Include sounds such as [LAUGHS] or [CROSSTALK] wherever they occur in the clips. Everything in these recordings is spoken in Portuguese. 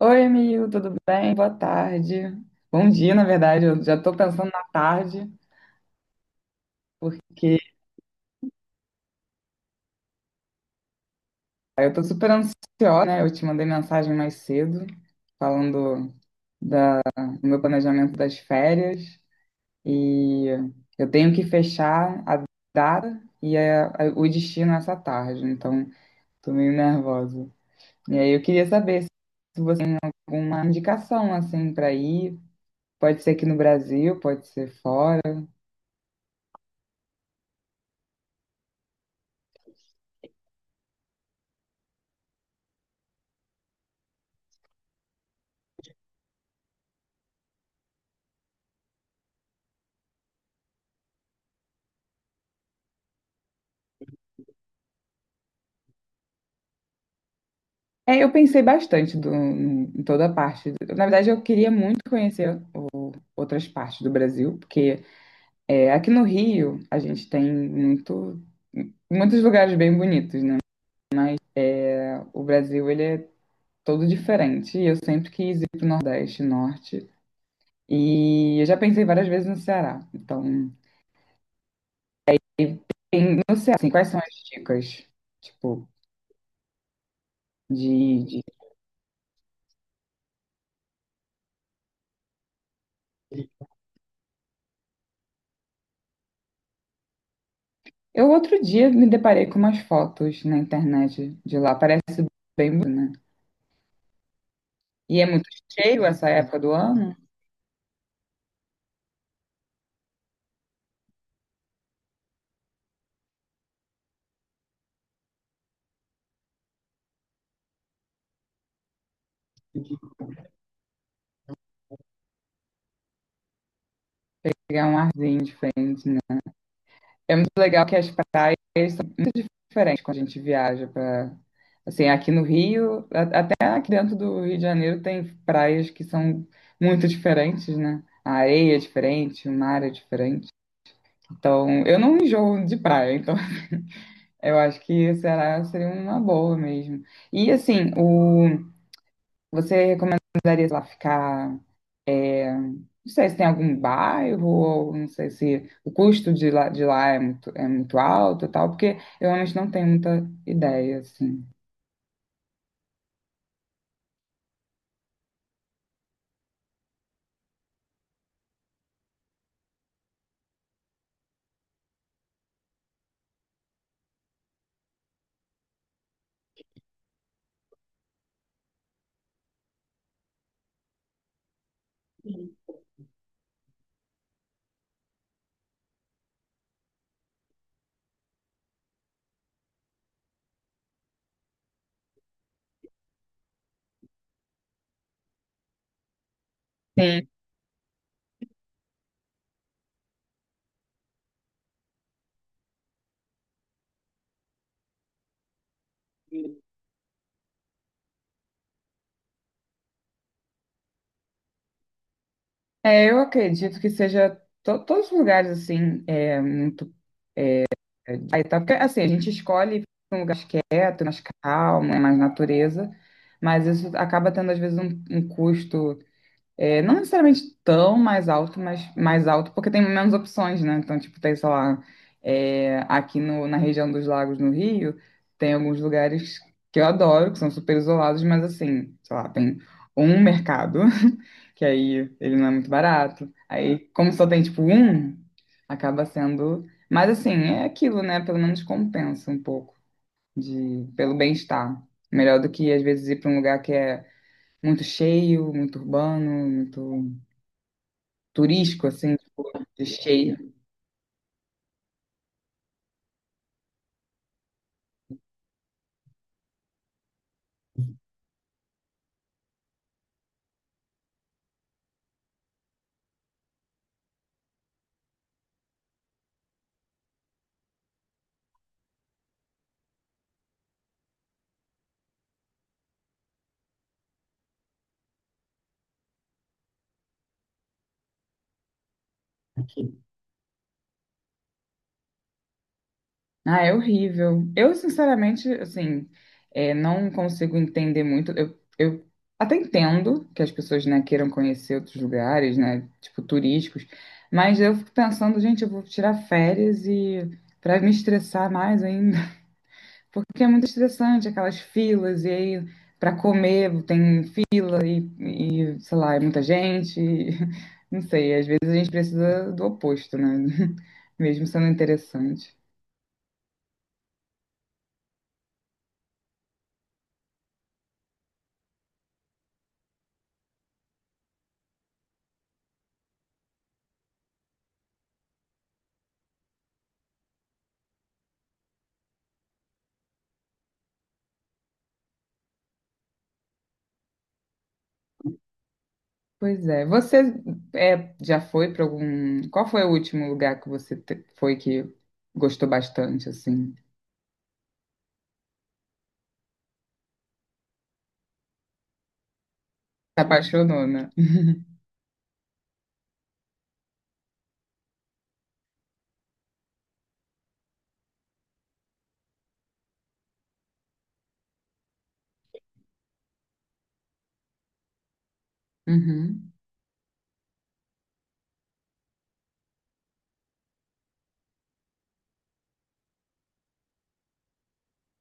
Oi, amigo, tudo bem? Boa tarde. Bom dia, na verdade. Eu já tô pensando na tarde, porque eu tô super ansiosa, né? Eu te mandei mensagem mais cedo, falando da- do meu planejamento das férias. E eu tenho que fechar a data e o destino essa tarde, então tô meio nervosa. E aí eu queria saber se você tem alguma indicação, assim, para ir. Pode ser aqui no Brasil, pode ser fora. É, eu pensei bastante em toda a parte. Na verdade, eu queria muito conhecer outras partes do Brasil, porque é, aqui no Rio a gente tem muitos lugares bem bonitos, né? O Brasil, ele é todo diferente. E eu sempre quis ir para o Nordeste, Norte. E eu já pensei várias vezes no Ceará. Então, no Ceará, assim, quais são as dicas? Tipo, de, de... Eu outro dia me deparei com umas fotos na internet de lá. Parece bem bonito, né? E é muito cheio essa época do ano, pegar um arzinho. É muito legal que as praias são diferentes quando a gente viaja para assim, aqui no Rio, até aqui dentro do Rio de Janeiro tem praias que são muito diferentes, né? A areia é diferente, o mar é diferente. Então, eu não enjoo de praia, então [LAUGHS] eu acho que será seria uma boa mesmo. E assim, o você recomendaria sei lá ficar. Não sei se tem algum bairro, ou não sei se o custo de lá é é muito alto e tal, porque eu realmente não tenho muita ideia, assim. Sim. É, eu acredito que seja todos os lugares, assim, é muito... É, aí tá, porque, assim, a gente escolhe um lugar mais quieto, mais calmo, né, mais natureza, mas isso acaba tendo, às vezes, um custo. É, não necessariamente tão mais alto, mas mais alto, porque tem menos opções, né? Então, tipo, tem, sei lá, é, aqui no, na região dos lagos no Rio, tem alguns lugares que eu adoro, que são super isolados, mas assim, sei lá, tem um mercado, [LAUGHS] que aí ele não é muito barato. Aí, como só tem, tipo, um, acaba sendo. Mas assim, é aquilo, né? Pelo menos compensa um pouco de, pelo bem-estar. Melhor do que, às vezes, ir para um lugar que é muito cheio, muito urbano, muito turístico, assim, de cheio. Ah, é horrível. Eu, sinceramente, assim, é, não consigo entender muito. Eu até entendo que as pessoas, né, queiram conhecer outros lugares, né, tipo turísticos, mas eu fico pensando, gente, eu vou tirar férias e para me estressar mais ainda, [LAUGHS] porque é muito estressante aquelas filas e aí para comer tem sei lá, é muita gente. [LAUGHS] Não sei, às vezes a gente precisa do oposto, né? [LAUGHS] Mesmo sendo interessante. Pois é. Você é, já foi para algum. Qual foi o último lugar que você foi que gostou bastante, assim? Se apaixonou, né? Uhum.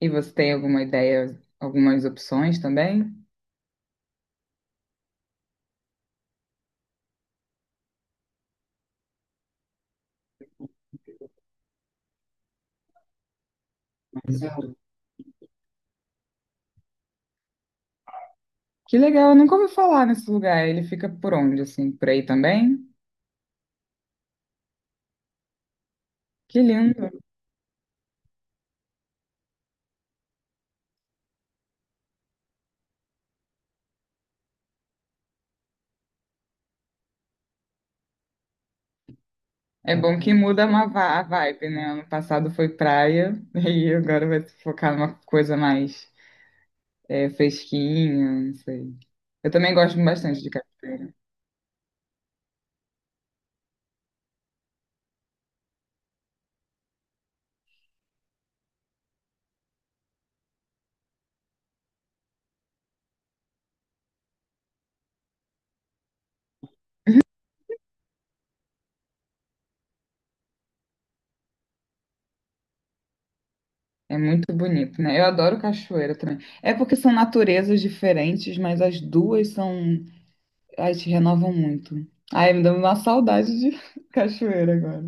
E você tem alguma ideia, algumas opções também? Que legal, eu nunca ouvi falar nesse lugar. Ele fica por onde, assim? Por aí também? Que lindo. É bom que muda uma a vibe, né? Ano passado foi praia [LAUGHS] e agora vai se focar numa coisa mais é, fresquinha, não sei. Eu também gosto bastante de cachoeira. É muito bonito, né? Eu adoro cachoeira também. É porque são naturezas diferentes, mas as duas são. Ai, te renovam muito. Ai, me dá uma saudade de [LAUGHS] cachoeira agora.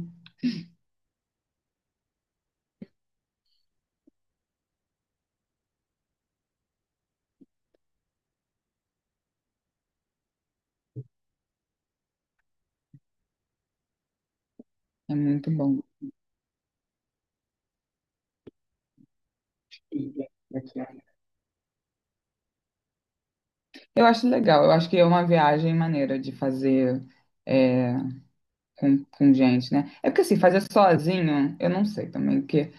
É muito bom. Eu acho legal. Eu acho que é uma viagem maneira de fazer. É, com gente, né? É porque assim, fazer sozinho, eu não sei também, porque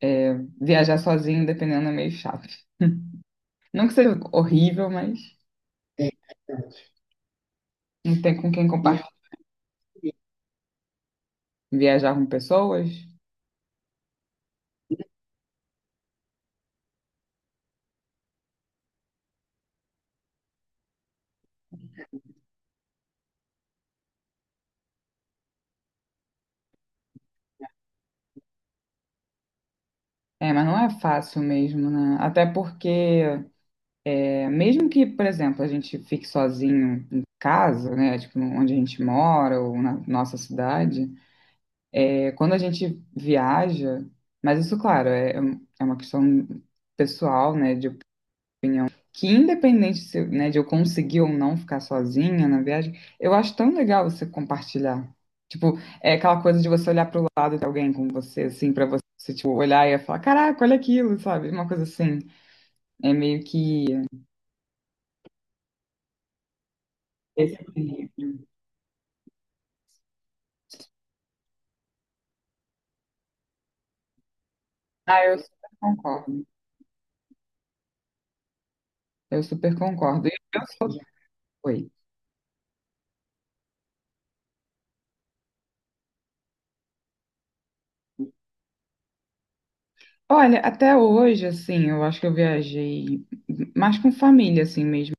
é, viajar sozinho, dependendo, é meio chato. [LAUGHS] Não que seja horrível, mas é. Não tem com quem compartilhar. Viajar com pessoas. É, mas não é fácil mesmo, né? Até porque, é, mesmo que, por exemplo, a gente fique sozinho em casa, né? Tipo, onde a gente mora ou na nossa cidade, é, quando a gente viaja, mas isso, claro, é, é uma questão pessoal, né? De que independente se, né, de eu conseguir ou não ficar sozinha na viagem, eu acho tão legal você compartilhar. Tipo, é aquela coisa de você olhar pro lado de alguém com você, assim, pra você, tipo, olhar e falar, caraca, olha aquilo, sabe? Uma coisa assim. É meio que esse equilíbrio. Ah, eu super concordo. Eu super concordo. E eu sou... Oi. Olha, até hoje, assim, eu acho que eu viajei mais com família, assim, mesmo.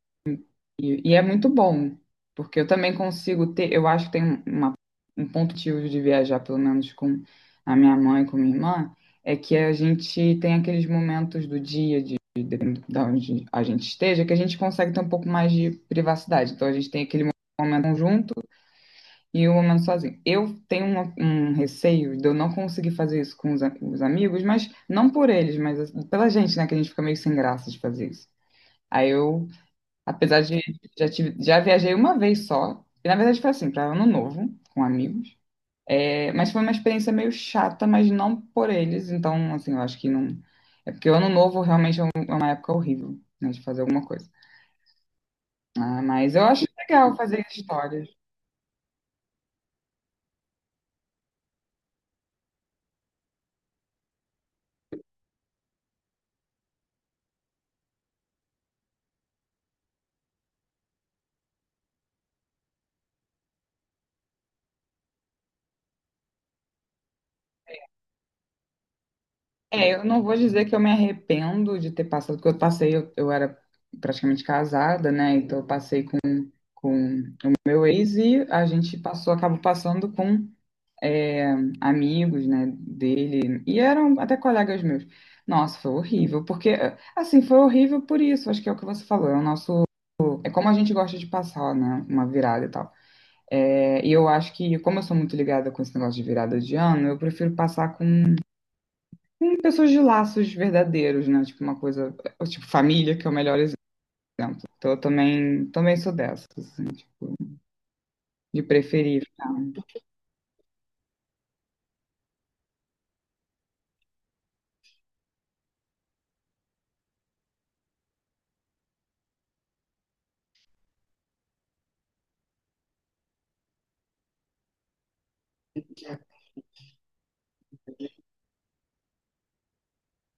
E é muito bom, porque eu também consigo ter, eu acho que tem uma, um ponto positivo de viajar, pelo menos com a minha mãe, e com minha irmã, é que a gente tem aqueles momentos do dia, de, da onde a gente esteja, que a gente consegue ter um pouco mais de privacidade. Então a gente tem aquele momento junto e o momento sozinho. Eu tenho um, receio de eu não conseguir fazer isso com os, os amigos, mas não por eles, mas pela gente, né? Que a gente fica meio sem graça de fazer isso. Aí eu apesar de já, tive, já viajei uma vez só. E na verdade foi assim, para Ano Novo, com amigos. É, mas foi uma experiência meio chata, mas não por eles. Então, assim, eu acho que não. É porque o Ano Novo realmente é é uma época horrível, né, de fazer alguma coisa. Ah, mas eu acho legal fazer histórias. É, eu não vou dizer que eu me arrependo de ter passado, porque eu passei, eu era praticamente casada, né? Então eu passei com o meu ex e a gente passou, acabou passando com amigos, né, dele, e eram até colegas meus. Nossa, foi horrível, porque, assim, foi horrível por isso, acho que é o que você falou, é o nosso, é como a gente gosta de passar, né, uma virada e tal. É, e eu acho que, como eu sou muito ligada com esse negócio de virada de ano, eu prefiro passar com pessoas de laços verdadeiros, né, tipo uma coisa, tipo família, que é o melhor exemplo. Então eu também, também sou dessas, assim, tipo, de preferir ficar.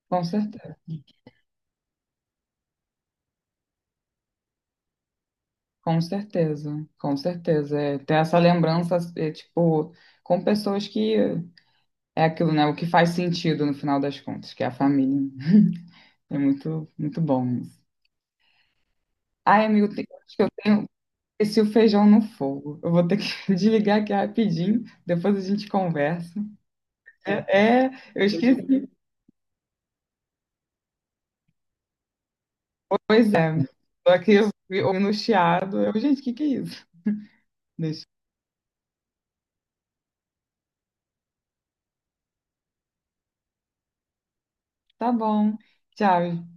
Com certeza. Com certeza, com certeza. É, ter essa lembrança, é, tipo, com pessoas que é aquilo, né? O que faz sentido no final das contas, que é a família. É muito, muito bom isso. Ai, amigo, tem- acho que eu tenho esse o feijão no fogo. Eu vou ter que [LAUGHS] desligar aqui rapidinho, depois a gente conversa. É, é, eu esqueci. Pois é, tô aqui ouvindo o chiado. Eu, gente, o que que é isso? Deixa. Tá bom. Tchau.